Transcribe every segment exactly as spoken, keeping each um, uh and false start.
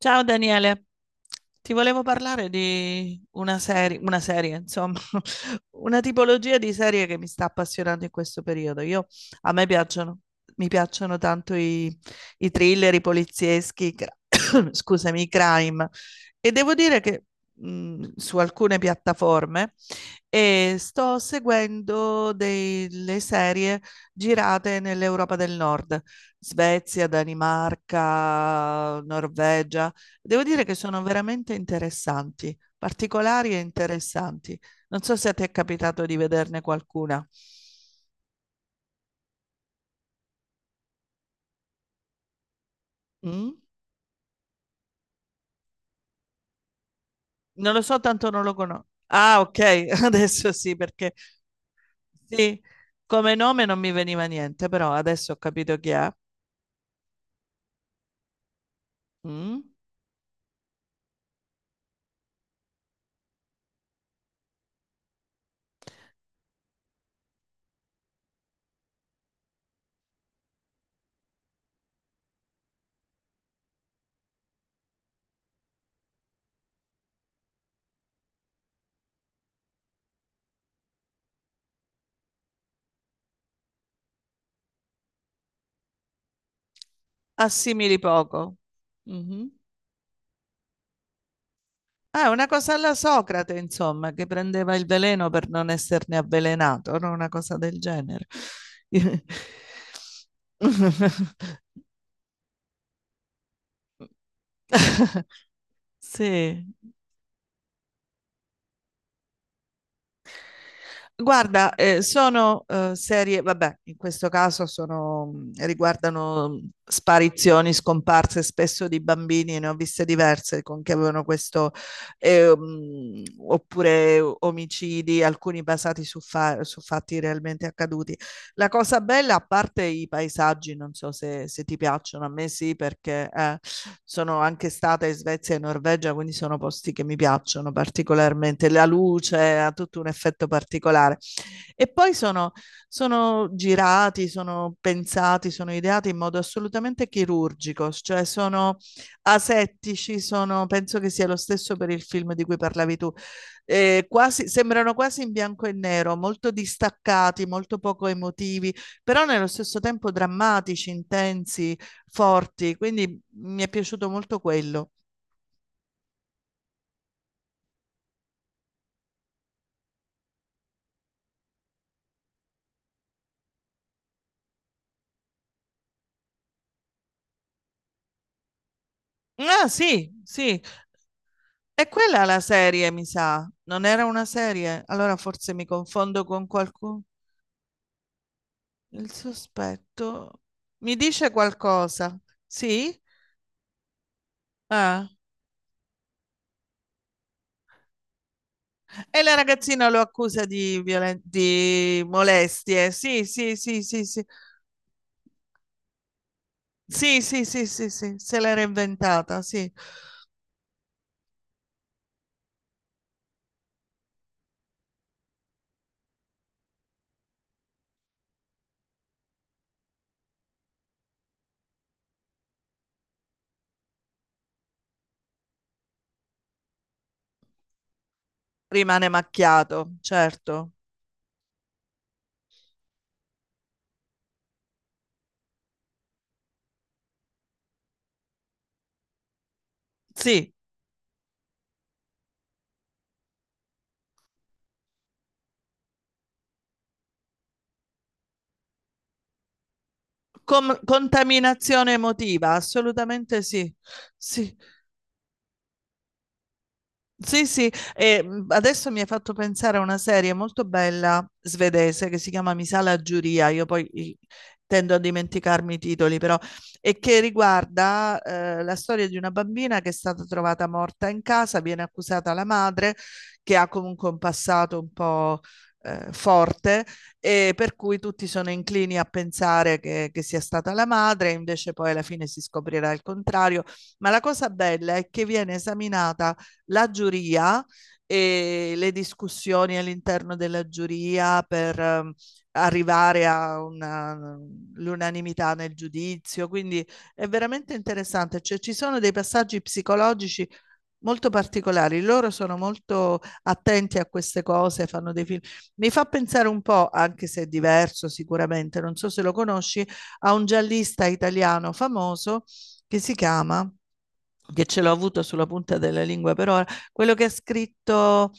Ciao Daniele, ti volevo parlare di una serie, una serie, insomma, una tipologia di serie che mi sta appassionando in questo periodo. Io, a me piacciono, mi piacciono tanto i, i thriller, i polizieschi, i cra- scusami, i crime. E devo dire che mh, su alcune piattaforme eh, sto seguendo delle serie girate nell'Europa del Nord, Svezia, Danimarca, Norvegia. Devo dire che sono veramente interessanti, particolari e interessanti. Non so se ti è capitato di vederne qualcuna. Mm? Non lo so, tanto non lo conosco. Ah, ok, adesso sì, perché sì, come nome non mi veniva niente, però adesso ho capito chi è. Mm? Assimili poco. Mhm. Ah, è una cosa alla Socrate, insomma, che prendeva il veleno per non esserne avvelenato, no? Una cosa del genere. Sì. Guarda, eh, sono eh, serie, vabbè, in questo caso sono, mm, riguardano mm, sparizioni, scomparse spesso di bambini, ne ho viste diverse con che avevano questo, eh, mm, oppure omicidi, alcuni basati su, fa- su fatti realmente accaduti. La cosa bella, a parte i paesaggi, non so se, se ti piacciono, a me sì, perché eh, sono anche stata in Svezia e Norvegia, quindi sono posti che mi piacciono particolarmente. La luce ha tutto un effetto particolare. E poi sono, sono girati, sono pensati, sono ideati in modo assolutamente chirurgico, cioè sono asettici, sono, penso che sia lo stesso per il film di cui parlavi tu. Eh, quasi, sembrano quasi in bianco e nero, molto distaccati, molto poco emotivi, però nello stesso tempo drammatici, intensi, forti. Quindi mi è piaciuto molto quello. Ah, sì, sì. E quella è la serie, mi sa. Non era una serie? Allora forse mi confondo con qualcuno. Il sospetto mi dice qualcosa. Sì? Ah. E la ragazzina lo accusa di, violen- di molestie. Sì, sì, sì, sì, sì. Sì, sì, sì, sì, sì. Se l'era inventata, sì. Rimane macchiato, certo. Sì. Com- contaminazione emotiva, assolutamente sì. Sì. Sì, sì, e mh, adesso mi hai fatto pensare a una serie molto bella svedese che si chiama Mi sa la giuria, io poi i- tendo a dimenticarmi i titoli però, e che riguarda eh, la storia di una bambina che è stata trovata morta in casa, viene accusata la madre che ha comunque un passato un po' eh, forte e per cui tutti sono inclini a pensare che, che sia stata la madre, invece poi alla fine si scoprirà il contrario, ma la cosa bella è che viene esaminata la giuria e le discussioni all'interno della giuria per ehm, arrivare all'unanimità nel giudizio, quindi è veramente interessante. Cioè, ci sono dei passaggi psicologici molto particolari, loro sono molto attenti a queste cose, fanno dei film. Mi fa pensare un po', anche se è diverso sicuramente, non so se lo conosci, a un giallista italiano famoso che si chiama, che ce l'ho avuto sulla punta della lingua per ora, quello che ha scritto,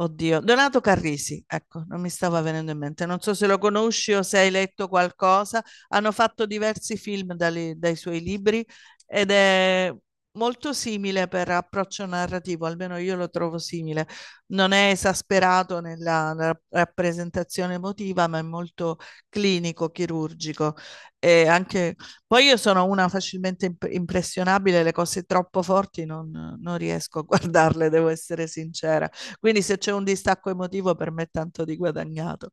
oddio, Donato Carrisi, ecco, non mi stava venendo in mente, non so se lo conosci o se hai letto qualcosa. Hanno fatto diversi film dai, dai suoi libri ed è molto simile per approccio narrativo, almeno io lo trovo simile, non è esasperato nella, nella rappresentazione emotiva, ma è molto clinico, chirurgico e anche poi io sono una facilmente imp- impressionabile, le cose troppo forti non, non riesco a guardarle, devo essere sincera. Quindi se c'è un distacco emotivo per me è tanto di guadagnato.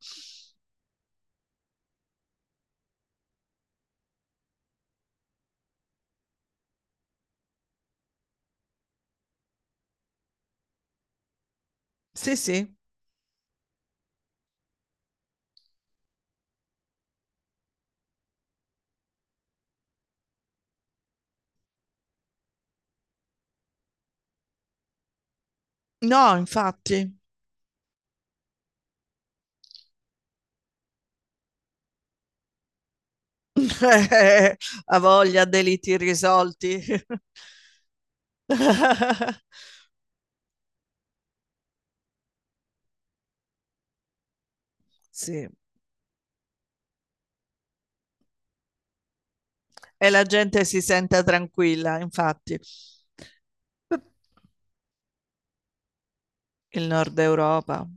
Sì, sì. No, infatti. Ha voglia, deliti risolti. Sì. E la gente si sente tranquilla, infatti. Il Nord Europa.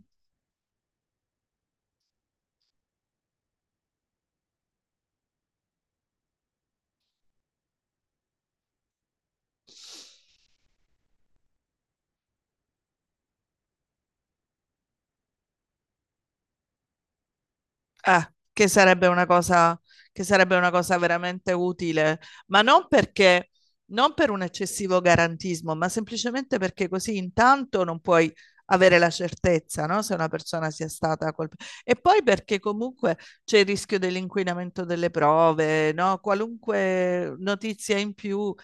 Eh, che sarebbe una cosa, che sarebbe una cosa veramente utile, ma non perché, non per un eccessivo garantismo, ma semplicemente perché così intanto non puoi avere la certezza, no? Se una persona sia stata colpita. E poi perché comunque c'è il rischio dell'inquinamento delle prove, no? Qualunque notizia in più.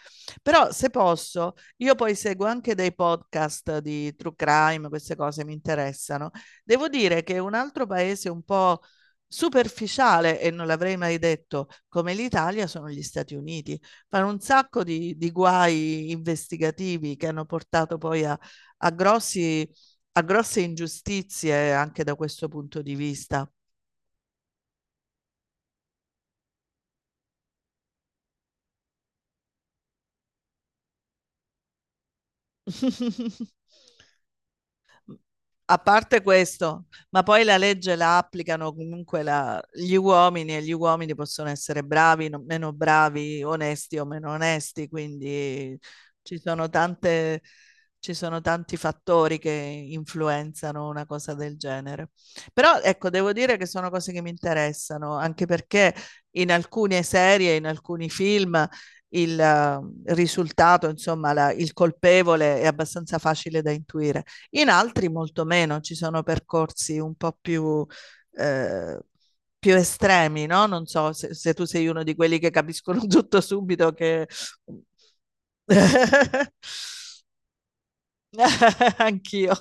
Però se posso, io poi seguo anche dei podcast di true crime, queste cose mi interessano. Devo dire che un altro paese un po' superficiale, e non l'avrei mai detto, come l'Italia sono gli Stati Uniti. Fanno un sacco di, di guai investigativi che hanno portato poi a, a, grossi, a grosse ingiustizie anche da questo punto di vista. A parte questo, ma poi la legge la applicano comunque la- gli uomini e gli uomini possono essere bravi, no- meno bravi, onesti o meno onesti, quindi ci sono tante, ci sono tanti fattori che influenzano una cosa del genere. Però ecco, devo dire che sono cose che mi interessano, anche perché in alcune serie, in alcuni film, il eh, risultato, insomma, la- il colpevole è abbastanza facile da intuire. In altri molto meno, ci sono percorsi un po' più, eh, più estremi, no? Non so se, se tu sei uno di quelli che capiscono tutto subito che... Anch'io.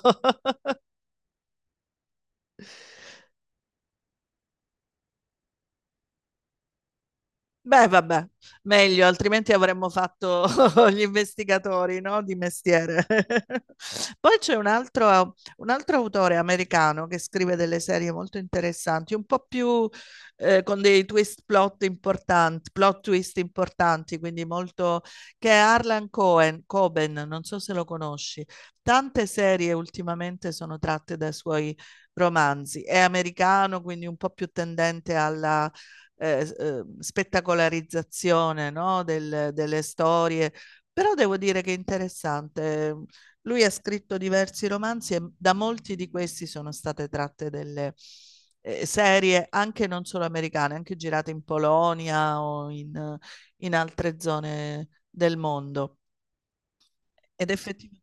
Beh, vabbè, meglio, altrimenti avremmo fatto gli investigatori, no? Di mestiere. Poi c'è un altro, un altro autore americano che scrive delle serie molto interessanti, un po' più eh, con dei twist plot importanti, plot twist importanti, quindi molto... che è Harlan Cohen, Coben, non so se lo conosci. Tante serie ultimamente sono tratte dai suoi romanzi. È americano, quindi un po' più tendente alla eh, eh, spettacolarizzazione, no? Del- delle storie, però devo dire che è interessante. ehm, Lui ha scritto diversi romanzi e da molti di questi sono state tratte delle eh, serie anche non solo americane, anche girate in Polonia o in, in altre zone del mondo. Ed effettivamente...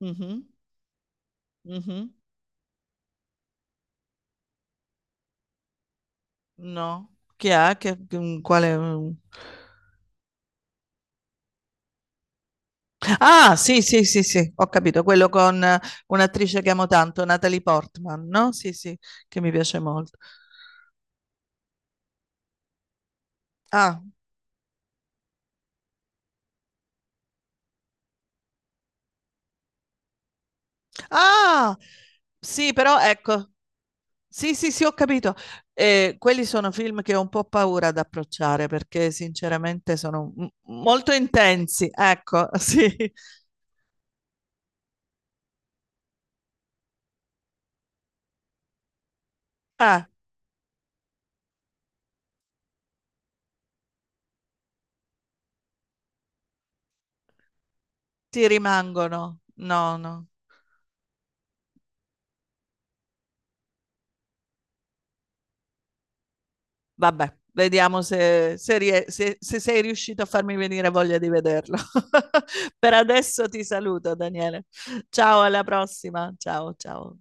Mhm, mhm. No, chi è? Che, quale... mm? Ah, sì, sì, sì, sì, ho capito, quello con eh, un'attrice che amo tanto, Natalie Portman, no? Sì, sì, che mi piace molto. Ah, ah, sì, però ecco, sì, sì, sì, ho capito. Eh, quelli sono film che ho un po' paura ad approcciare perché sinceramente sono m- molto intensi, ecco, sì. Ah, ti rimangono. No, no. Vabbè, vediamo se, se, rie- se- se sei riuscito a farmi venire voglia di vederlo. Per adesso ti saluto, Daniele. Ciao, alla prossima. Ciao, ciao.